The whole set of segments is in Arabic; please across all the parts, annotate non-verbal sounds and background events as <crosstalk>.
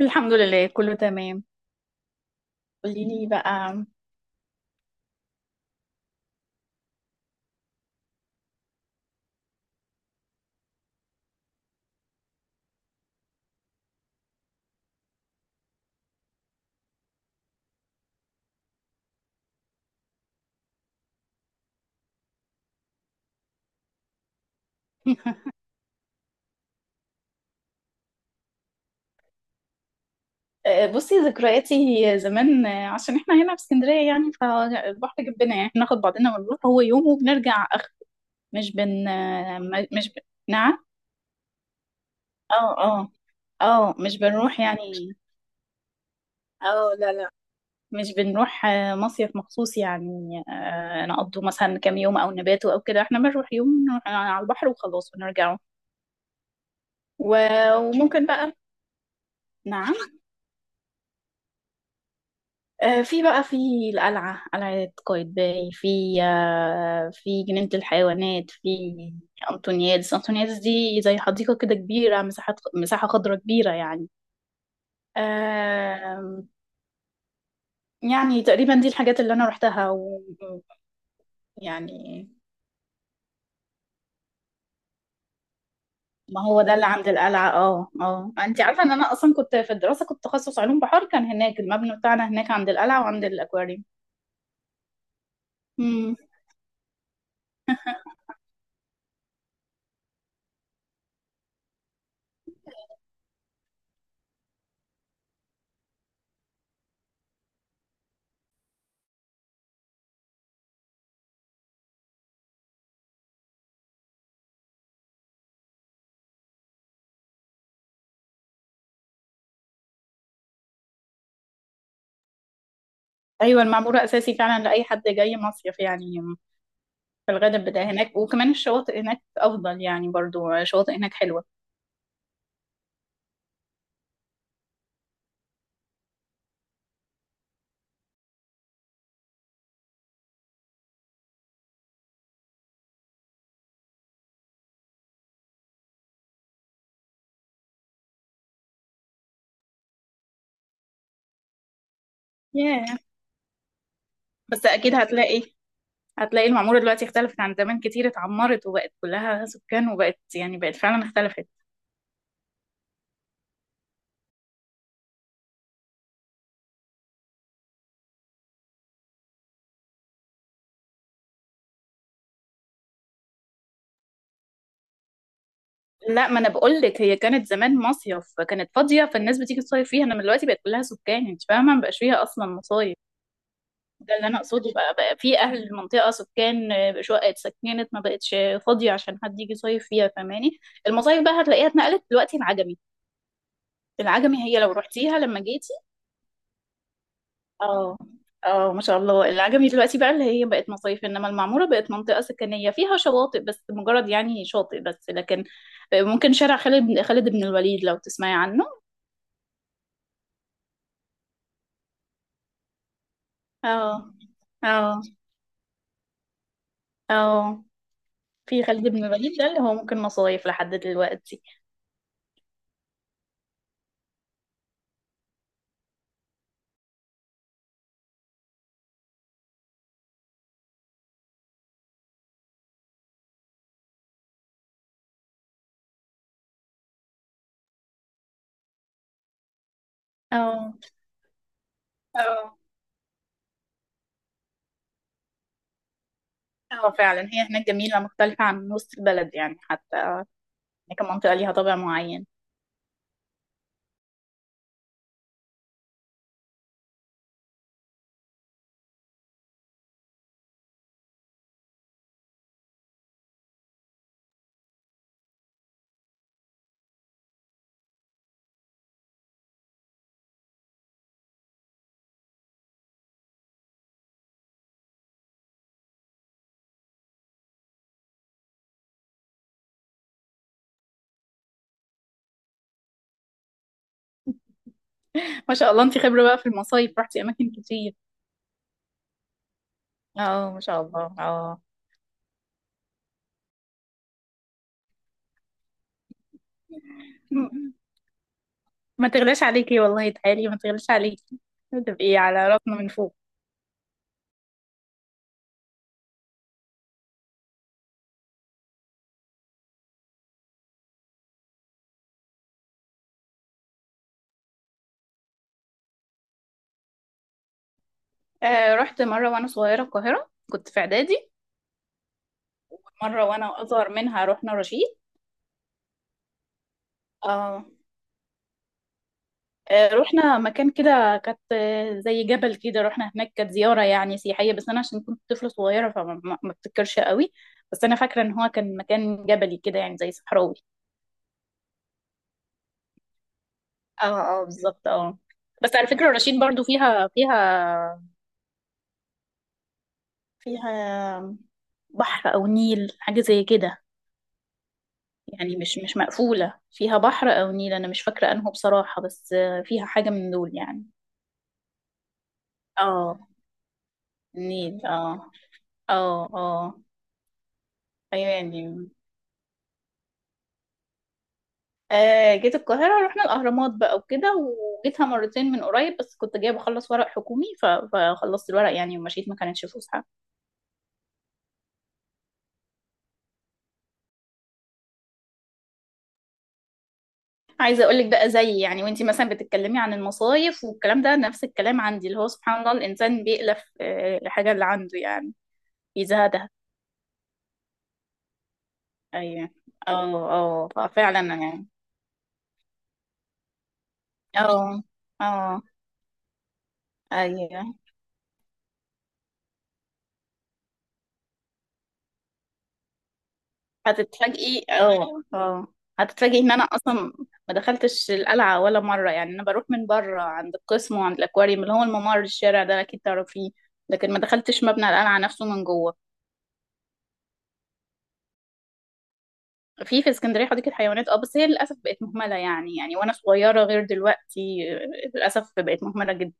الحمد لله كله تمام. قولي لي بقى. <laughs> بصي ذكرياتي زمان. عشان احنا هنا في اسكندريه يعني فالبحر جنبنا يعني بناخد بعضنا ونروح هو يوم وبنرجع اخر. مش بن آه، م- مش ب... نعم. اه اه اه، مش بنروح يعني. اه، لا، مش بنروح مصيف مخصوص يعني، نقضوا مثلا كام يوم او نباتوا او كده. احنا بنروح يوم نروح على البحر وخلاص ونرجعوا. وممكن بقى. نعم. في القلعة، قلعة قايتباي، في في جنينة الحيوانات، في أنطونيادس. أنطونيادس دي زي حديقة كده كبيرة، مساحة خضراء كبيرة يعني. آم، يعني تقريبا دي الحاجات اللي أنا روحتها ويعني. ما هو ده اللي عند القلعة. اه اه، انت عارفة ان انا اصلا كنت في الدراسة، كنت تخصص علوم بحر. كان هناك المبنى بتاعنا هناك عند القلعة وعند الاكواريوم. مم. ايوه، المعمورة اساسي فعلا لأي حد جاي مصيف يعني. في الغداء بتاع هناك، وكمان الشواطئ هناك أفضل يعني، برضو شواطئ هناك حلوة. ياه. بس أكيد هتلاقي المعمورة دلوقتي اختلفت عن زمان كتير. اتعمرت وبقت كلها سكان، وبقت يعني بقت فعلا اختلفت. لا، ما انا بقول لك هي كانت زمان مصيف، كانت فاضية فالناس بتيجي تصيف فيها، انما دلوقتي بقت كلها سكان. انت فاهمة؟ مبقاش فيها اصلا مصايف. ده اللي انا اقصده. بقى في اهل المنطقة سكان، شقق اتسكنت، ما بقتش فاضية عشان حد يجي يصيف فيها. فاهماني؟ المصايف بقى هتلاقيها اتنقلت دلوقتي العجمي. العجمي هي لو رحتيها لما جيت. اه اه، ما شاء الله. العجمي دلوقتي بقى اللي هي بقت مصايف، انما المعمورة بقت منطقة سكنية فيها شواطئ بس، مجرد يعني شاطئ بس. لكن ممكن شارع خالد بن، خالد بن الوليد لو تسمعي عنه. اه اه اه، في خالد بن الوليد ده اللي هو ممكن مصايف لحد دلوقتي. اه اه اه، فعلا هي هناك جميلة، مختلفة عن وسط البلد يعني. حتى هناك منطقة ليها طابع معين. ما شاء الله، انت خبرة بقى في المصايف، رحتي أماكن كتير. اه، ما شاء الله اه. ما تغلاش عليكي والله، تعالي، ما تغلاش عليكي، تبقي على راسنا من فوق. آه رحت مرة وأنا صغيرة القاهرة، كنت في إعدادي. مرة وأنا أصغر منها رحنا رشيد. آه. رحنا مكان كده، كانت زي جبل كده، رحنا هناك، كانت زيارة يعني سياحية. بس أنا عشان كنت طفلة صغيرة فما ما ما افتكرش قوي. بس أنا فاكرة إن هو كان مكان جبلي كده يعني زي صحراوي. اه اه بالظبط اه. بس على فكرة رشيد برضو فيها بحر أو نيل حاجة زي كده يعني، مش مقفولة، فيها بحر أو نيل. أنا مش فاكرة أنه بصراحة، بس فيها حاجة من دول يعني. اه، النيل. اه اه اه، أيوة يعني. آه جيت القاهرة رحنا الأهرامات بقى وكده، وجيتها مرتين من قريب بس كنت جاية بخلص ورق حكومي، فخلصت الورق يعني ومشيت، ما كانتش فسحة. عايزة أقولك بقى زي يعني، وانتي مثلا بتتكلمي عن المصايف والكلام ده، نفس الكلام عندي اللي هو سبحان الله الإنسان بيألف الحاجة اللي عنده يعني، بيزهدها. أيوة. اه اه ففعلا يعني. اه اه ايوه. هتتفاجئي اه اه، هتتفاجئي ان انا اصلا ما دخلتش القلعه ولا مره يعني. انا بروح من بره عند القسم وعند الاكواريوم، اللي هو الممر الشارع ده اكيد تعرفيه، لكن ما دخلتش مبنى القلعه نفسه من جوه. في في اسكندريه حديقه حيوانات اه، بس هي للاسف بقت مهمله يعني، يعني وانا صغيره غير دلوقتي. للاسف بقت مهمله جدا.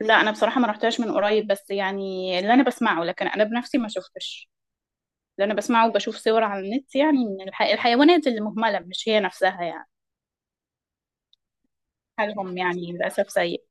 لا، انا بصراحه ما رحتهاش من قريب، بس يعني اللي انا بسمعه، لكن انا بنفسي ما شفتش. اللي انا بسمعه وبشوف صور على النت يعني من الحيوانات اللي مهملة، مش هي نفسها يعني حالهم، يعني للاسف سيء.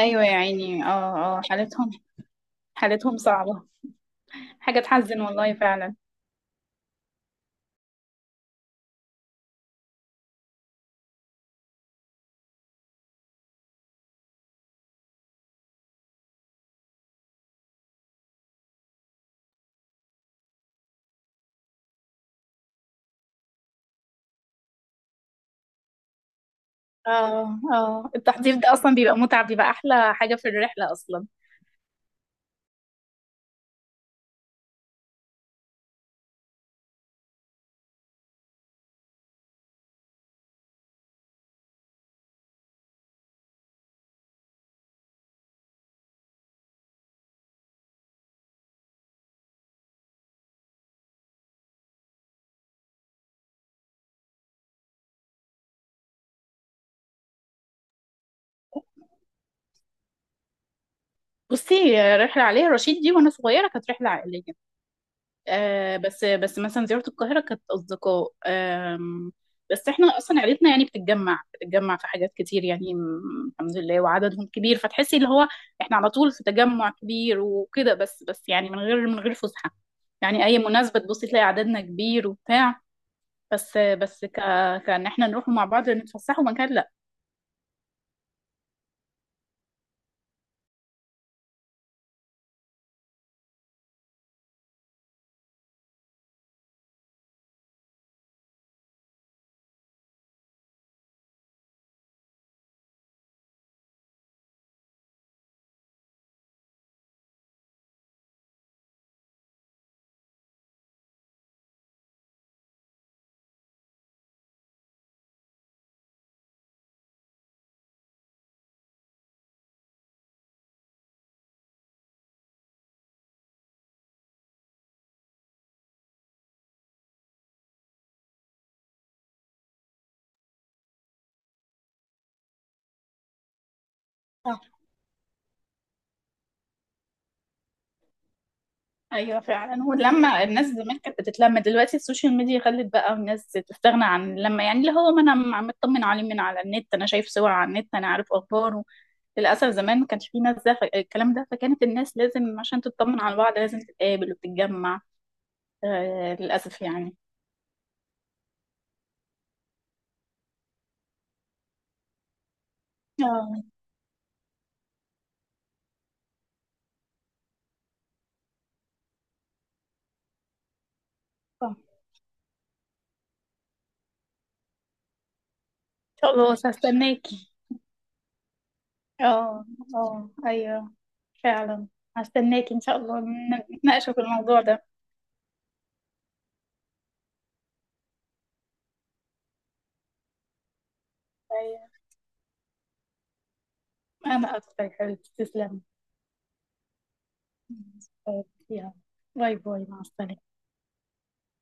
ايوه يا عيني اه اه، حالتهم، حالتهم صعبة، حاجة تحزن والله فعلا. اه اه، التحضير ده اصلا بيبقى متعب، بيبقى احلى حاجة في الرحلة اصلا. بصي، رحلة عليها رشيد دي وانا صغيرة كانت رحلة عائلية. آه بس بس مثلا زيارة القاهرة كانت أصدقاء. بس احنا أصلا عيلتنا يعني بتتجمع في حاجات كتير يعني، الحمد لله وعددهم كبير، فتحسي اللي هو احنا على طول في تجمع كبير وكده، بس بس يعني من غير من غير فسحة يعني، أي مناسبة تبصي تلاقي عددنا كبير وبتاع، بس كأن احنا نروح مع بعض نتفسحوا مكان. لا. ايوه فعلا، ولما الناس زمان كانت بتتلم، دلوقتي السوشيال ميديا خلت بقى الناس تستغنى عن اللمه يعني، اللي هو ما انا مطمن عليه من على النت، انا شايف صور على النت، انا عارف اخباره. للاسف زمان ما كانش في ناس ده، الكلام ده، فكانت الناس لازم عشان تطمن على بعض لازم تتقابل وتتجمع. آه للاسف يعني. اه آه. خلاص، هستناكي. اه اه ايوه فعلا، هستناكي ان شاء الله نتناقشوا في الموضوع ده. ايوه، انا اكتر يا حبيبتي، تسلمي. أوكي، يلا، باي باي، مع السلامة.